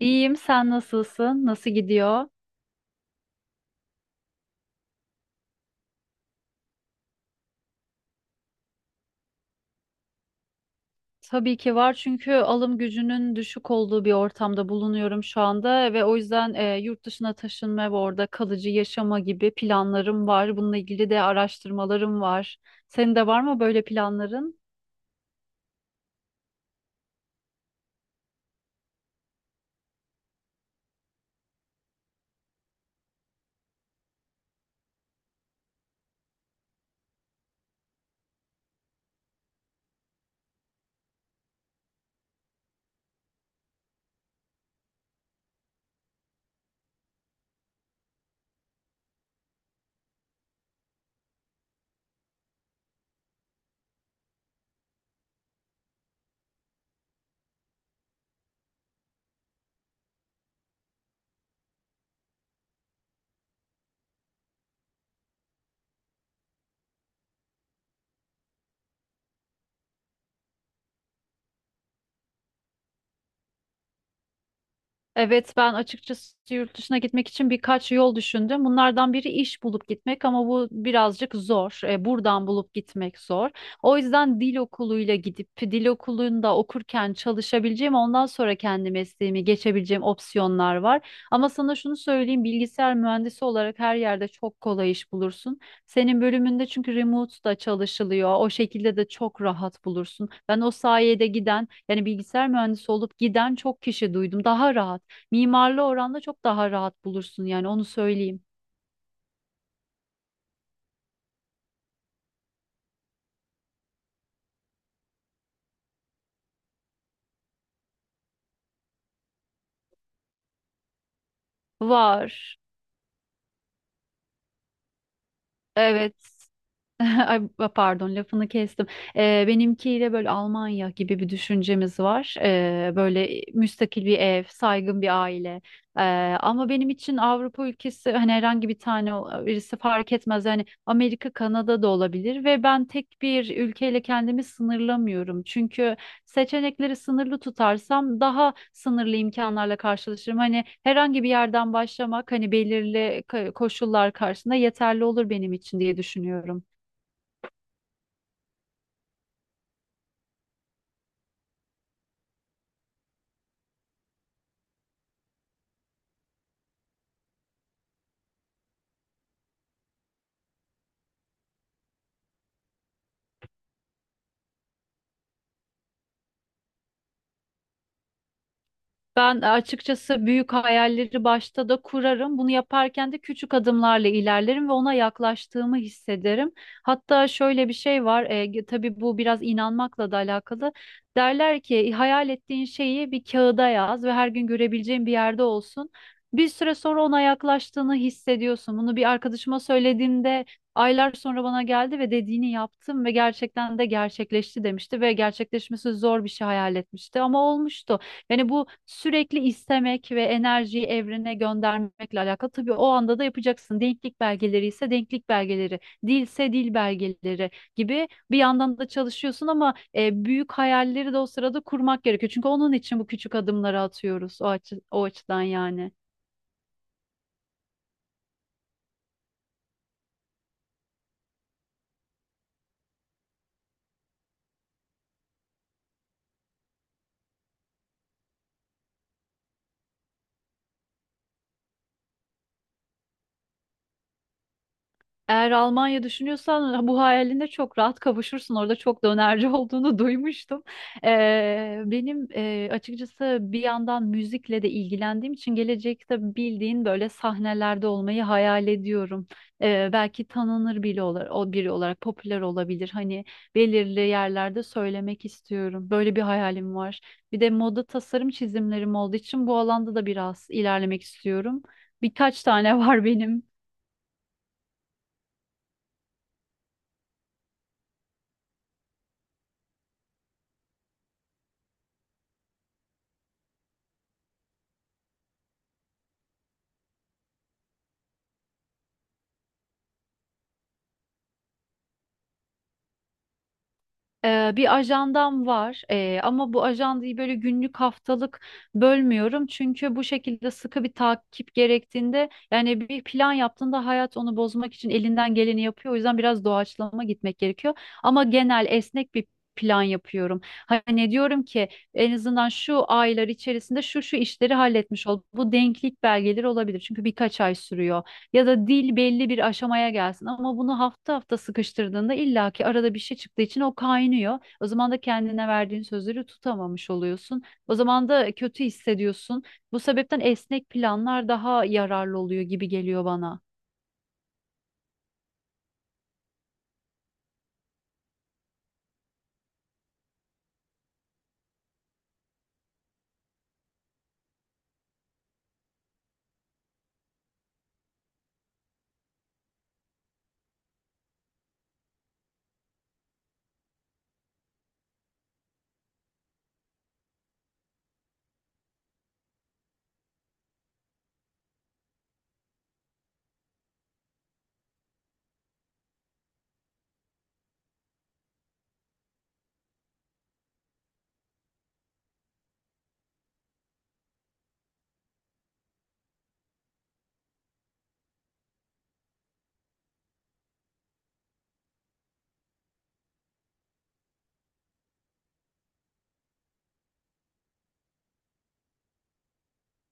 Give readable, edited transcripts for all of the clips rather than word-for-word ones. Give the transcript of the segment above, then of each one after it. İyiyim, sen nasılsın? Nasıl gidiyor? Tabii ki var çünkü alım gücünün düşük olduğu bir ortamda bulunuyorum şu anda ve o yüzden yurt dışına taşınma ve orada kalıcı yaşama gibi planlarım var. Bununla ilgili de araştırmalarım var. Senin de var mı böyle planların? Evet ben açıkçası yurt dışına gitmek için birkaç yol düşündüm. Bunlardan biri iş bulup gitmek ama bu birazcık zor. Buradan bulup gitmek zor. O yüzden dil okuluyla gidip dil okulunda okurken çalışabileceğim ondan sonra kendi mesleğimi geçebileceğim opsiyonlar var. Ama sana şunu söyleyeyim bilgisayar mühendisi olarak her yerde çok kolay iş bulursun. Senin bölümünde çünkü remote da çalışılıyor. O şekilde de çok rahat bulursun. Ben o sayede giden yani bilgisayar mühendisi olup giden çok kişi duydum. Daha rahat. Mimarlı oranda çok daha rahat bulursun yani onu söyleyeyim. Var. Evet. Ay, pardon lafını kestim. Benimkiyle böyle Almanya gibi bir düşüncemiz var. Böyle müstakil bir ev, saygın bir aile. Ee, Ama benim için Avrupa ülkesi hani herhangi bir tane birisi fark etmez. Yani Amerika, Kanada da olabilir ve ben tek bir ülkeyle kendimi sınırlamıyorum. Çünkü seçenekleri sınırlı tutarsam daha sınırlı imkanlarla karşılaşırım. Hani herhangi bir yerden başlamak hani belirli koşullar karşısında yeterli olur benim için diye düşünüyorum. Ben açıkçası büyük hayalleri başta da kurarım. Bunu yaparken de küçük adımlarla ilerlerim ve ona yaklaştığımı hissederim. Hatta şöyle bir şey var. Tabii bu biraz inanmakla da alakalı. Derler ki hayal ettiğin şeyi bir kağıda yaz ve her gün görebileceğin bir yerde olsun. Bir süre sonra ona yaklaştığını hissediyorsun. Bunu bir arkadaşıma söylediğimde aylar sonra bana geldi ve dediğini yaptım ve gerçekten de gerçekleşti demişti ve gerçekleşmesi zor bir şey hayal etmişti ama olmuştu. Yani bu sürekli istemek ve enerjiyi evrene göndermekle alakalı. Tabii o anda da yapacaksın. Denklik belgeleri ise denklik belgeleri, dilse dil belgeleri gibi bir yandan da çalışıyorsun ama büyük hayalleri de o sırada kurmak gerekiyor. Çünkü onun için bu küçük adımları atıyoruz o açıdan yani. Eğer Almanya düşünüyorsan bu hayaline çok rahat kavuşursun. Orada çok dönerci olduğunu duymuştum. Benim açıkçası bir yandan müzikle de ilgilendiğim için gelecekte bildiğin böyle sahnelerde olmayı hayal ediyorum. Belki tanınır biri olarak, o biri olarak popüler olabilir. Hani belirli yerlerde söylemek istiyorum. Böyle bir hayalim var. Bir de moda tasarım çizimlerim olduğu için bu alanda da biraz ilerlemek istiyorum. Birkaç tane var benim. Bir ajandam var. Ama bu ajandayı böyle günlük haftalık bölmüyorum çünkü bu şekilde sıkı bir takip gerektiğinde yani bir plan yaptığında hayat onu bozmak için elinden geleni yapıyor o yüzden biraz doğaçlama gitmek gerekiyor ama genel esnek bir plan yapıyorum. Hani diyorum ki en azından şu aylar içerisinde şu şu işleri halletmiş ol. Bu denklik belgeleri olabilir çünkü birkaç ay sürüyor ya da dil belli bir aşamaya gelsin. Ama bunu hafta hafta sıkıştırdığında illaki arada bir şey çıktığı için o kaynıyor. O zaman da kendine verdiğin sözleri tutamamış oluyorsun. O zaman da kötü hissediyorsun. Bu sebepten esnek planlar daha yararlı oluyor gibi geliyor bana.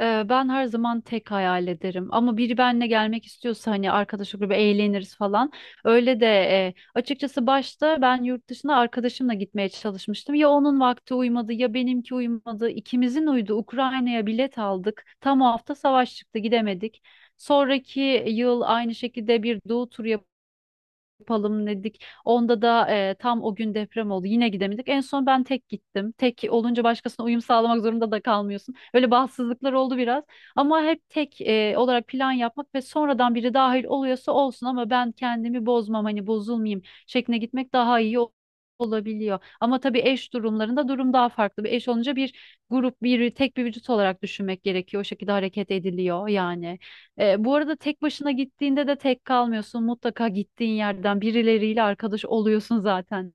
Ben her zaman tek hayal ederim ama biri benimle gelmek istiyorsa hani arkadaş grubu eğleniriz falan. Öyle de açıkçası başta ben yurt dışına arkadaşımla gitmeye çalışmıştım. Ya onun vakti uymadı ya benimki uymadı. İkimizin uydu. Ukrayna'ya bilet aldık. Tam o hafta savaş çıktı gidemedik. Sonraki yıl aynı şekilde bir doğu turu yapalım dedik. Onda da tam o gün deprem oldu. Yine gidemedik. En son ben tek gittim. Tek olunca başkasına uyum sağlamak zorunda da kalmıyorsun. Öyle bahtsızlıklar oldu biraz. Ama hep tek olarak plan yapmak ve sonradan biri dahil oluyorsa olsun ama ben kendimi bozmam hani bozulmayayım şekline gitmek daha iyi olabiliyor. Ama tabii eş durumlarında durum daha farklı. Bir eş olunca bir grup, bir tek bir vücut olarak düşünmek gerekiyor. O şekilde hareket ediliyor yani. Bu arada tek başına gittiğinde de tek kalmıyorsun. Mutlaka gittiğin yerden birileriyle arkadaş oluyorsun zaten.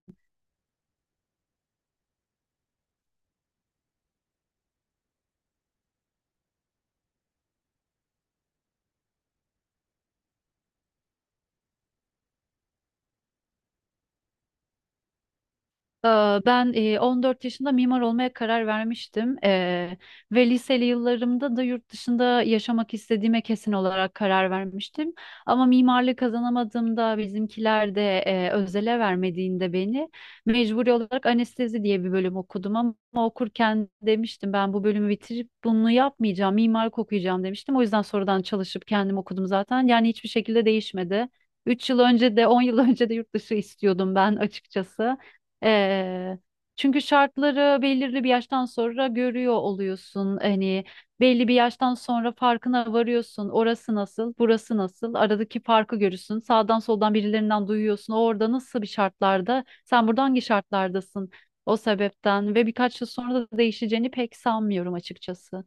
Ee, Ben 14 yaşında mimar olmaya karar vermiştim. Ve liseli yıllarımda da yurt dışında yaşamak istediğime kesin olarak karar vermiştim. Ama mimarlık kazanamadığımda bizimkiler de özele vermediğinde beni mecburi olarak anestezi diye bir bölüm okudum ama okurken demiştim ben bu bölümü bitirip bunu yapmayacağım, mimarlık okuyacağım demiştim. O yüzden sonradan çalışıp kendim okudum zaten yani hiçbir şekilde değişmedi. 3 yıl önce de 10 yıl önce de yurt dışı istiyordum ben açıkçası. Eee, Çünkü şartları belirli bir yaştan sonra görüyor oluyorsun. Hani belli bir yaştan sonra farkına varıyorsun. Orası nasıl, burası nasıl? Aradaki farkı görürsün. Sağdan soldan birilerinden duyuyorsun. O orada nasıl bir şartlarda? Sen burada hangi şartlardasın? O sebepten ve birkaç yıl sonra da değişeceğini pek sanmıyorum açıkçası.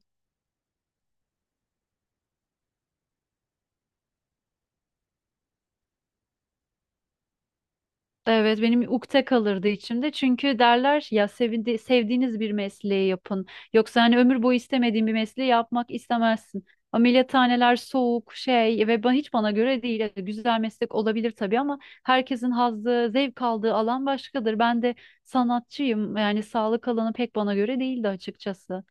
Evet benim ukde kalırdı içimde. Çünkü derler ya sevindi, sevdiğiniz bir mesleği yapın. Yoksa hani ömür boyu istemediğin bir mesleği yapmak istemezsin. Ameliyathaneler soğuk şey ve hiç bana göre değil. Evet, güzel meslek olabilir tabii ama herkesin hazzı, zevk aldığı alan başkadır. Ben de sanatçıyım. Yani sağlık alanı pek bana göre değildi açıkçası.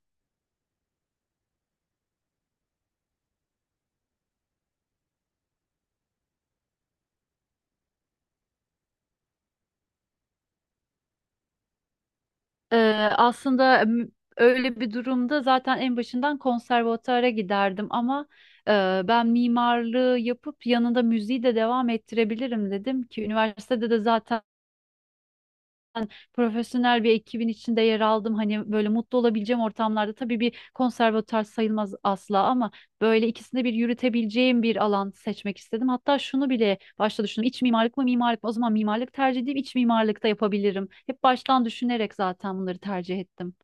Ee, aslında öyle bir durumda zaten en başından konservatuara giderdim ama ben mimarlığı yapıp yanında müziği de devam ettirebilirim dedim ki üniversitede de zaten profesyonel bir ekibin içinde yer aldım. Hani böyle mutlu olabileceğim ortamlarda tabii bir konservatuar sayılmaz asla ama böyle ikisinde bir yürütebileceğim bir alan seçmek istedim. Hatta şunu bile başta düşündüm. İç mimarlık mı mimarlık mı? O zaman mimarlık tercih edeyim, iç mimarlıkta yapabilirim. Hep baştan düşünerek zaten bunları tercih ettim.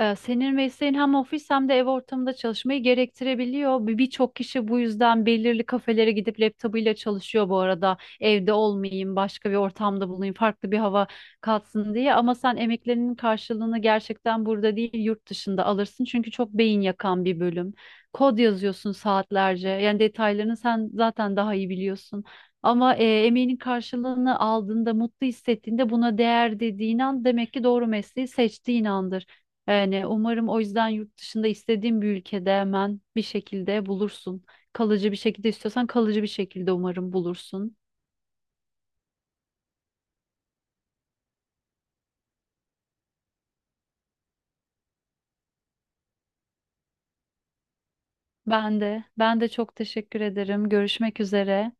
Senin mesleğin hem ofis hem de ev ortamında çalışmayı gerektirebiliyor. Birçok kişi bu yüzden belirli kafelere gidip laptopuyla çalışıyor bu arada. Evde olmayayım, başka bir ortamda bulunayım, farklı bir hava katsın diye. Ama sen emeklerinin karşılığını gerçekten burada değil, yurt dışında alırsın. Çünkü çok beyin yakan bir bölüm. Kod yazıyorsun saatlerce. Yani detaylarını sen zaten daha iyi biliyorsun. Ama emeğinin karşılığını aldığında, mutlu hissettiğinde buna değer dediğin an demek ki doğru mesleği seçtiğin andır. Yani umarım o yüzden yurt dışında istediğin bir ülkede hemen bir şekilde bulursun. Kalıcı bir şekilde istiyorsan kalıcı bir şekilde umarım bulursun. Ben de çok teşekkür ederim. Görüşmek üzere.